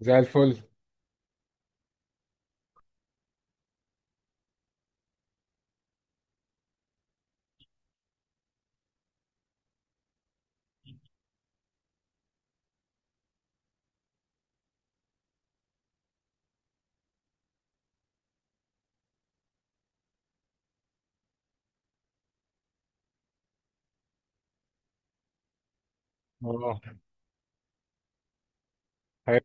زي الفل. اه هي-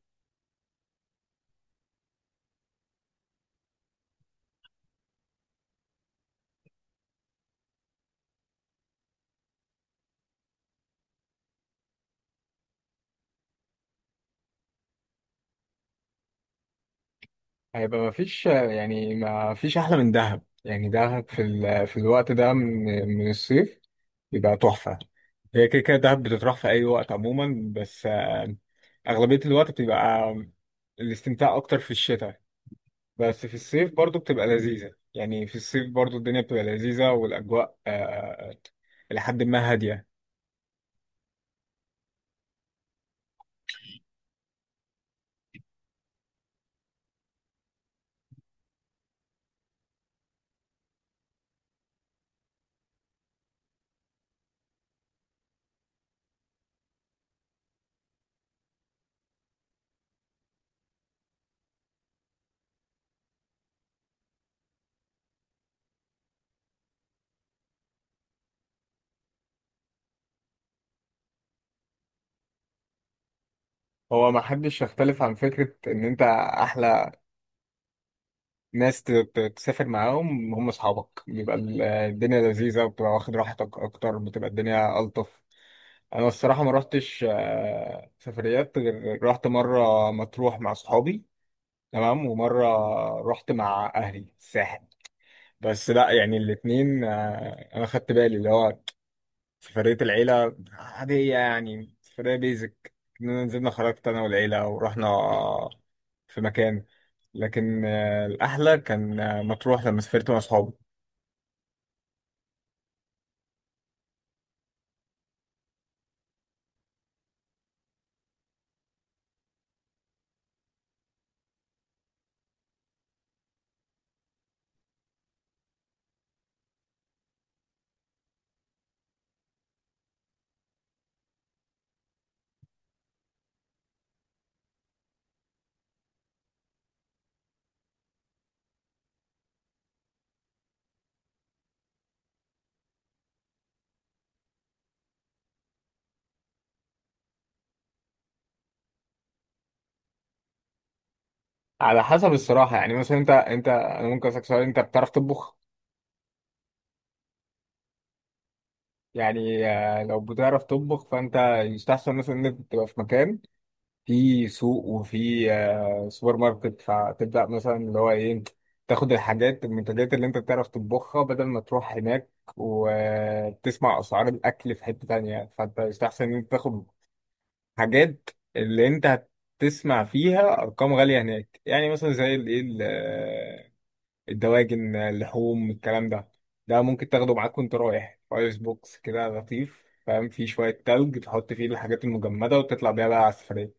هيبقى مفيش يعني، مفيش أحلى من دهب. يعني دهب في في الوقت ده من الصيف يبقى تحفة. هي كده كده دهب بتتراح في أي وقت عموما، بس أغلبية الوقت بتبقى الاستمتاع أكتر في الشتاء، بس في الصيف برضو بتبقى لذيذة. يعني في الصيف برضو الدنيا بتبقى لذيذة، والأجواء إلى حد ما هادية. هو ما حدش يختلف عن فكرة إن أنت أحلى ناس تسافر معاهم هم اصحابك، بيبقى الدنيا لذيذه، وبتبقى واخد راحتك اكتر، بتبقى الدنيا الطف. انا الصراحه ما رحتش سفريات غير رحت مره مطروح مع اصحابي، تمام، ومره رحت مع اهلي الساحل. بس لا يعني الاتنين انا خدت بالي اللي هو في فرقة العيلة عادية، يعني فرقة بيزك إننا نزلنا، خرجت أنا والعيلة ورحنا في مكان. لكن الأحلى كان مطروح لما سافرت مع أصحابي. على حسب الصراحة. يعني مثلا أنت أنا ممكن أسألك سؤال، أنت بتعرف تطبخ؟ يعني لو بتعرف تطبخ فأنت يستحسن مثلا إن أنت تبقى في مكان في سوق، وفي سوبر ماركت، فتبدأ مثلا اللي هو ايه، تاخد الحاجات المنتجات اللي انت بتعرف تطبخها، بدل ما تروح هناك وتسمع أسعار الأكل في حتة تانية. فانت يستحسن ان انت تاخد حاجات اللي انت هتسمع فيها أرقام غالية هناك، يعني مثلا زي الايه الدواجن، اللحوم، الكلام ده، ده ممكن تاخده معاك وانت رايح. ايس بوكس كده لطيف فاهم، فيه شوية تلج تحط فيه الحاجات المجمدة وتطلع بيها بقى على السفرية.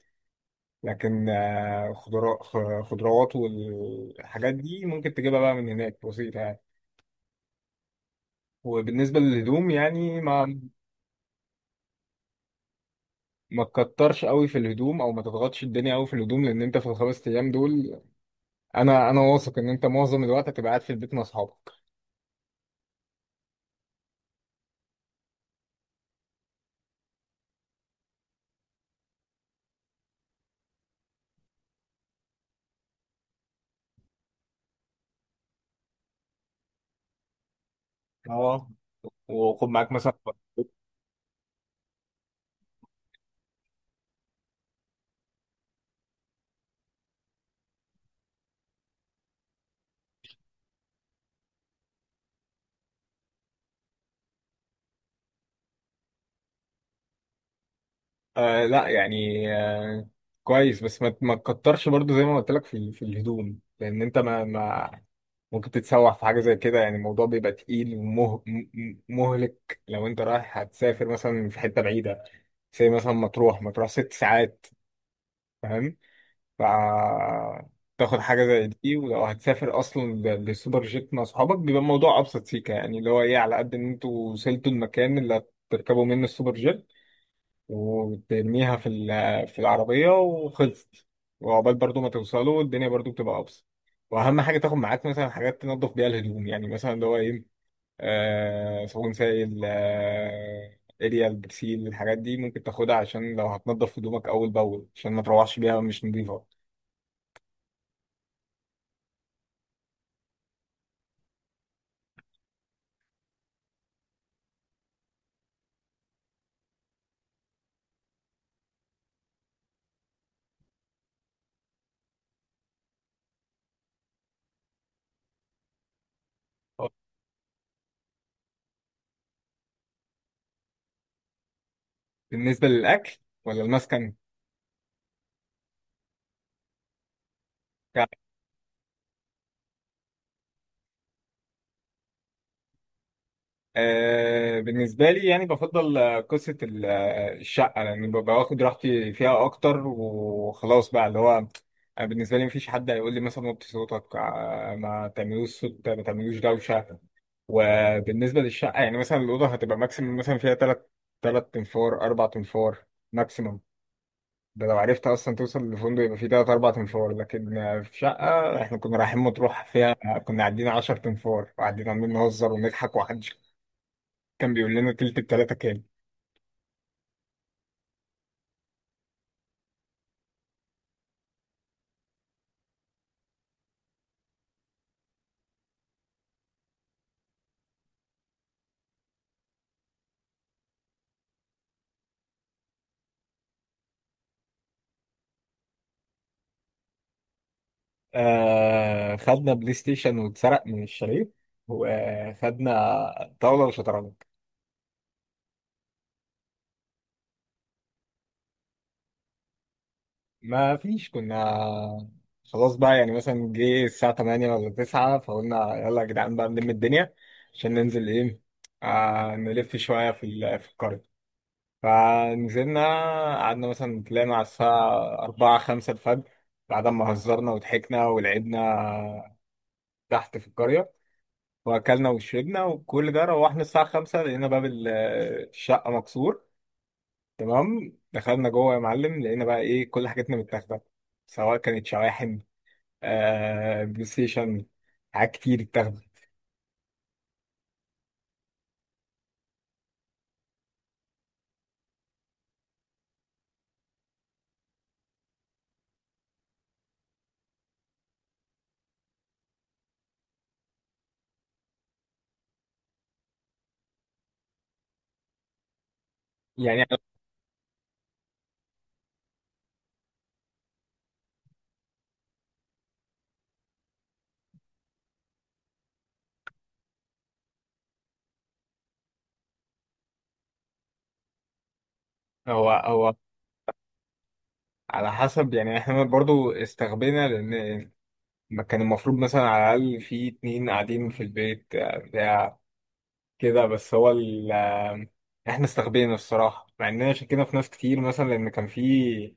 لكن خضروات والحاجات دي ممكن تجيبها بقى من هناك، بسيطة يعني. وبالنسبة للهدوم، يعني ما تكترش قوي في الهدوم، او ما تضغطش الدنيا قوي في الهدوم، لان انت في الـ5 ايام دول انا واثق ان انت معظم الوقت هتبقى قاعد في البيت مع اصحابك. اه، وخد معاك مثلا. لا يعني، كويس، بس ما تكترش برضو زي ما قلت لك في في الهدوم، لان انت ما ممكن تتسوح في حاجة زي كده. يعني الموضوع بيبقى تقيل ومهلك لو انت رايح، هتسافر مثلا في حتة بعيدة زي مثلا مطروح. 6 ساعات، فاهم؟ ف تاخد حاجة زي دي. ولو هتسافر أصلا بسوبر جيت مع صحابك، بيبقى الموضوع أبسط سيكة. يعني اللي هو إيه، على قد إن أنتوا وصلتوا المكان اللي هتركبوا منه السوبر جيت وترميها في في العربية وخلصت، وعقبال برضو ما توصلوا الدنيا برضو بتبقى أبسط. واهم حاجه تاخد معاك مثلا حاجات تنظف بيها الهدوم، يعني مثلا اللي هو ايه، صابون سائل، اريال، برسيل، الحاجات دي ممكن تاخدها عشان لو هتنضف هدومك اول باول، عشان ما تروحش بيها مش نظيفه. بالنسبه للاكل ولا المسكن بتاعك؟ بالنسبه لي، يعني بفضل قصه الشقه، لان ببقى واخد راحتي فيها اكتر، وخلاص بقى اللي هو أنا بالنسبه لي مفيش حد هيقول لي مثلا وطي صوتك، ما تعملوش صوت، ما تعملوش دوشه. وبالنسبة للشقة، يعني مثلا الأوضة هتبقى ماكسيمم مثلا فيها تلات، تنفار، أربع تنفار ماكسيمم. ده لو عرفت أصلا توصل للفندق، يبقى فيه تلات أربع تنفار. لكن في شقة إحنا كنا رايحين مطروح فيها كنا عدينا 10 تنفار، وقاعدين عمالين نهزر ونضحك، ومحدش كان بيقول لنا تلت بتلاتة كام. آه خدنا بلاي ستيشن واتسرق من الشاليه، وخدنا طاولة وشطرنج. ما فيش، كنا خلاص بقى يعني مثلا جه الساعة 8 ولا 9، فقلنا يلا يا جدعان بقى نلم الدنيا عشان ننزل ايه، آه نلف شوية في في القرية. فنزلنا قعدنا مثلا، طلعنا على الساعة 4، 5 الفجر بعد ما هزرنا وضحكنا ولعبنا تحت في القرية وأكلنا وشربنا وكل ده. روحنا الساعة 5 لقينا باب الشقة مكسور. تمام، دخلنا جوه يا معلم لقينا بقى ايه كل حاجتنا متاخدة، سواء كانت شواحن، آه بلاي ستيشن، حاجات كتير اتاخدت. يعني هو على حسب. يعني احنا برضو استغبينا، لان ما كان المفروض مثلا على الاقل في اتنين قاعدين في البيت بتاع كده، بس هو ال آه، احنا استغبينا الصراحه، مع اننا شكينا في ناس كتير، مثلا لان كان في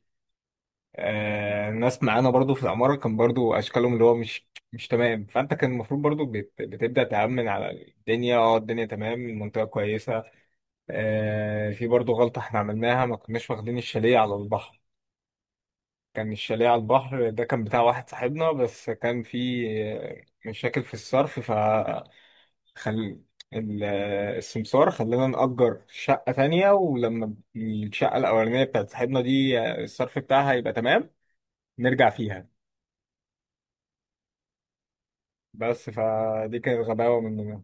آه ناس معانا برضو في العماره كان برضو اشكالهم اللي هو مش تمام. فانت كان المفروض برضو بتبدا تامن على الدنيا. اه الدنيا تمام، المنطقه كويسه. في برضو غلطة احنا عملناها، ما كناش واخدين الشاليه على البحر. كان الشاليه على البحر ده كان بتاع واحد صاحبنا، بس كان في مشاكل في الصرف، فخل السمسار خلانا نأجر شقة تانية، ولما الشقة الأولانية بتاعت صاحبنا دي الصرف بتاعها يبقى تمام نرجع فيها. بس فدي كانت غباوة مننا.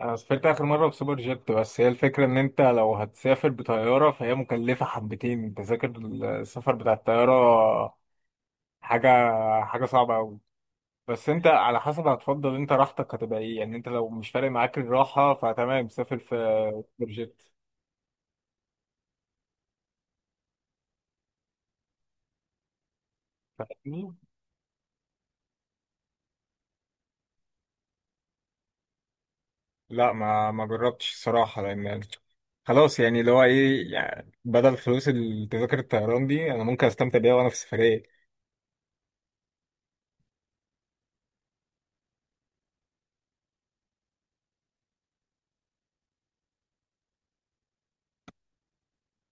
انا سافرت اخر مره بسوبر جيت. بس هي الفكره ان انت لو هتسافر بطياره فهي مكلفه حبتين، تذاكر السفر بتاع الطياره حاجه حاجه صعبه قوي. بس انت على حسب، هتفضل انت راحتك هتبقى ايه. يعني انت لو مش فارق معاك الراحه فتمام، سافر في سوبر جيت. لا ما جربتش الصراحه، لان خلاص يعني اللي هو ايه، يعني بدل فلوس التذاكر الطيران دي انا ممكن استمتع بيها وانا في السفريه.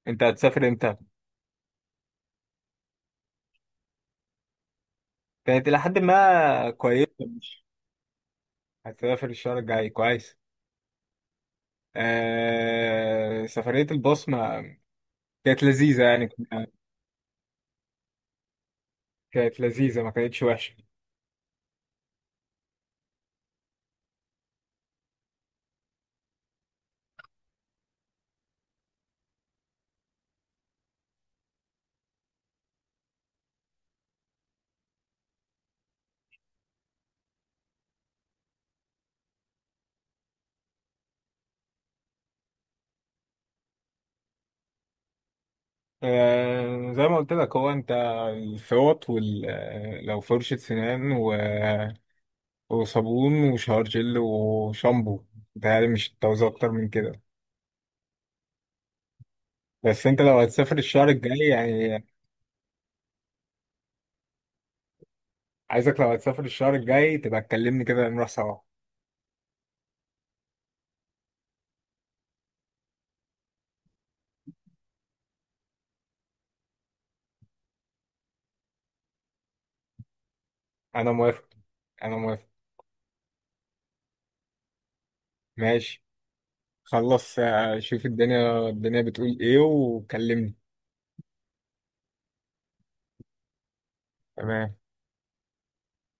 انت هتسافر امتى؟ كانت الى حد ما كويسه. هتسافر الشهر الجاي، كويس. سفرية البصمة كانت لذيذة، يعني كانت لذيذة ما كانتش وحشة. زي ما قلت لك، هو انت الفوط وال... آه، لو فرشة سنان وصابون وشاور جل وشامبو، بتهيألي مش هتعوز أكتر من كده. بس انت لو هتسافر الشهر الجاي يعني، عايزك لو هتسافر الشهر الجاي تبقى تكلمني كده نروح سوا. أنا موافق، أنا موافق. ماشي، خلص. شوف الدنيا الدنيا بتقول ايه وكلمني. تمام.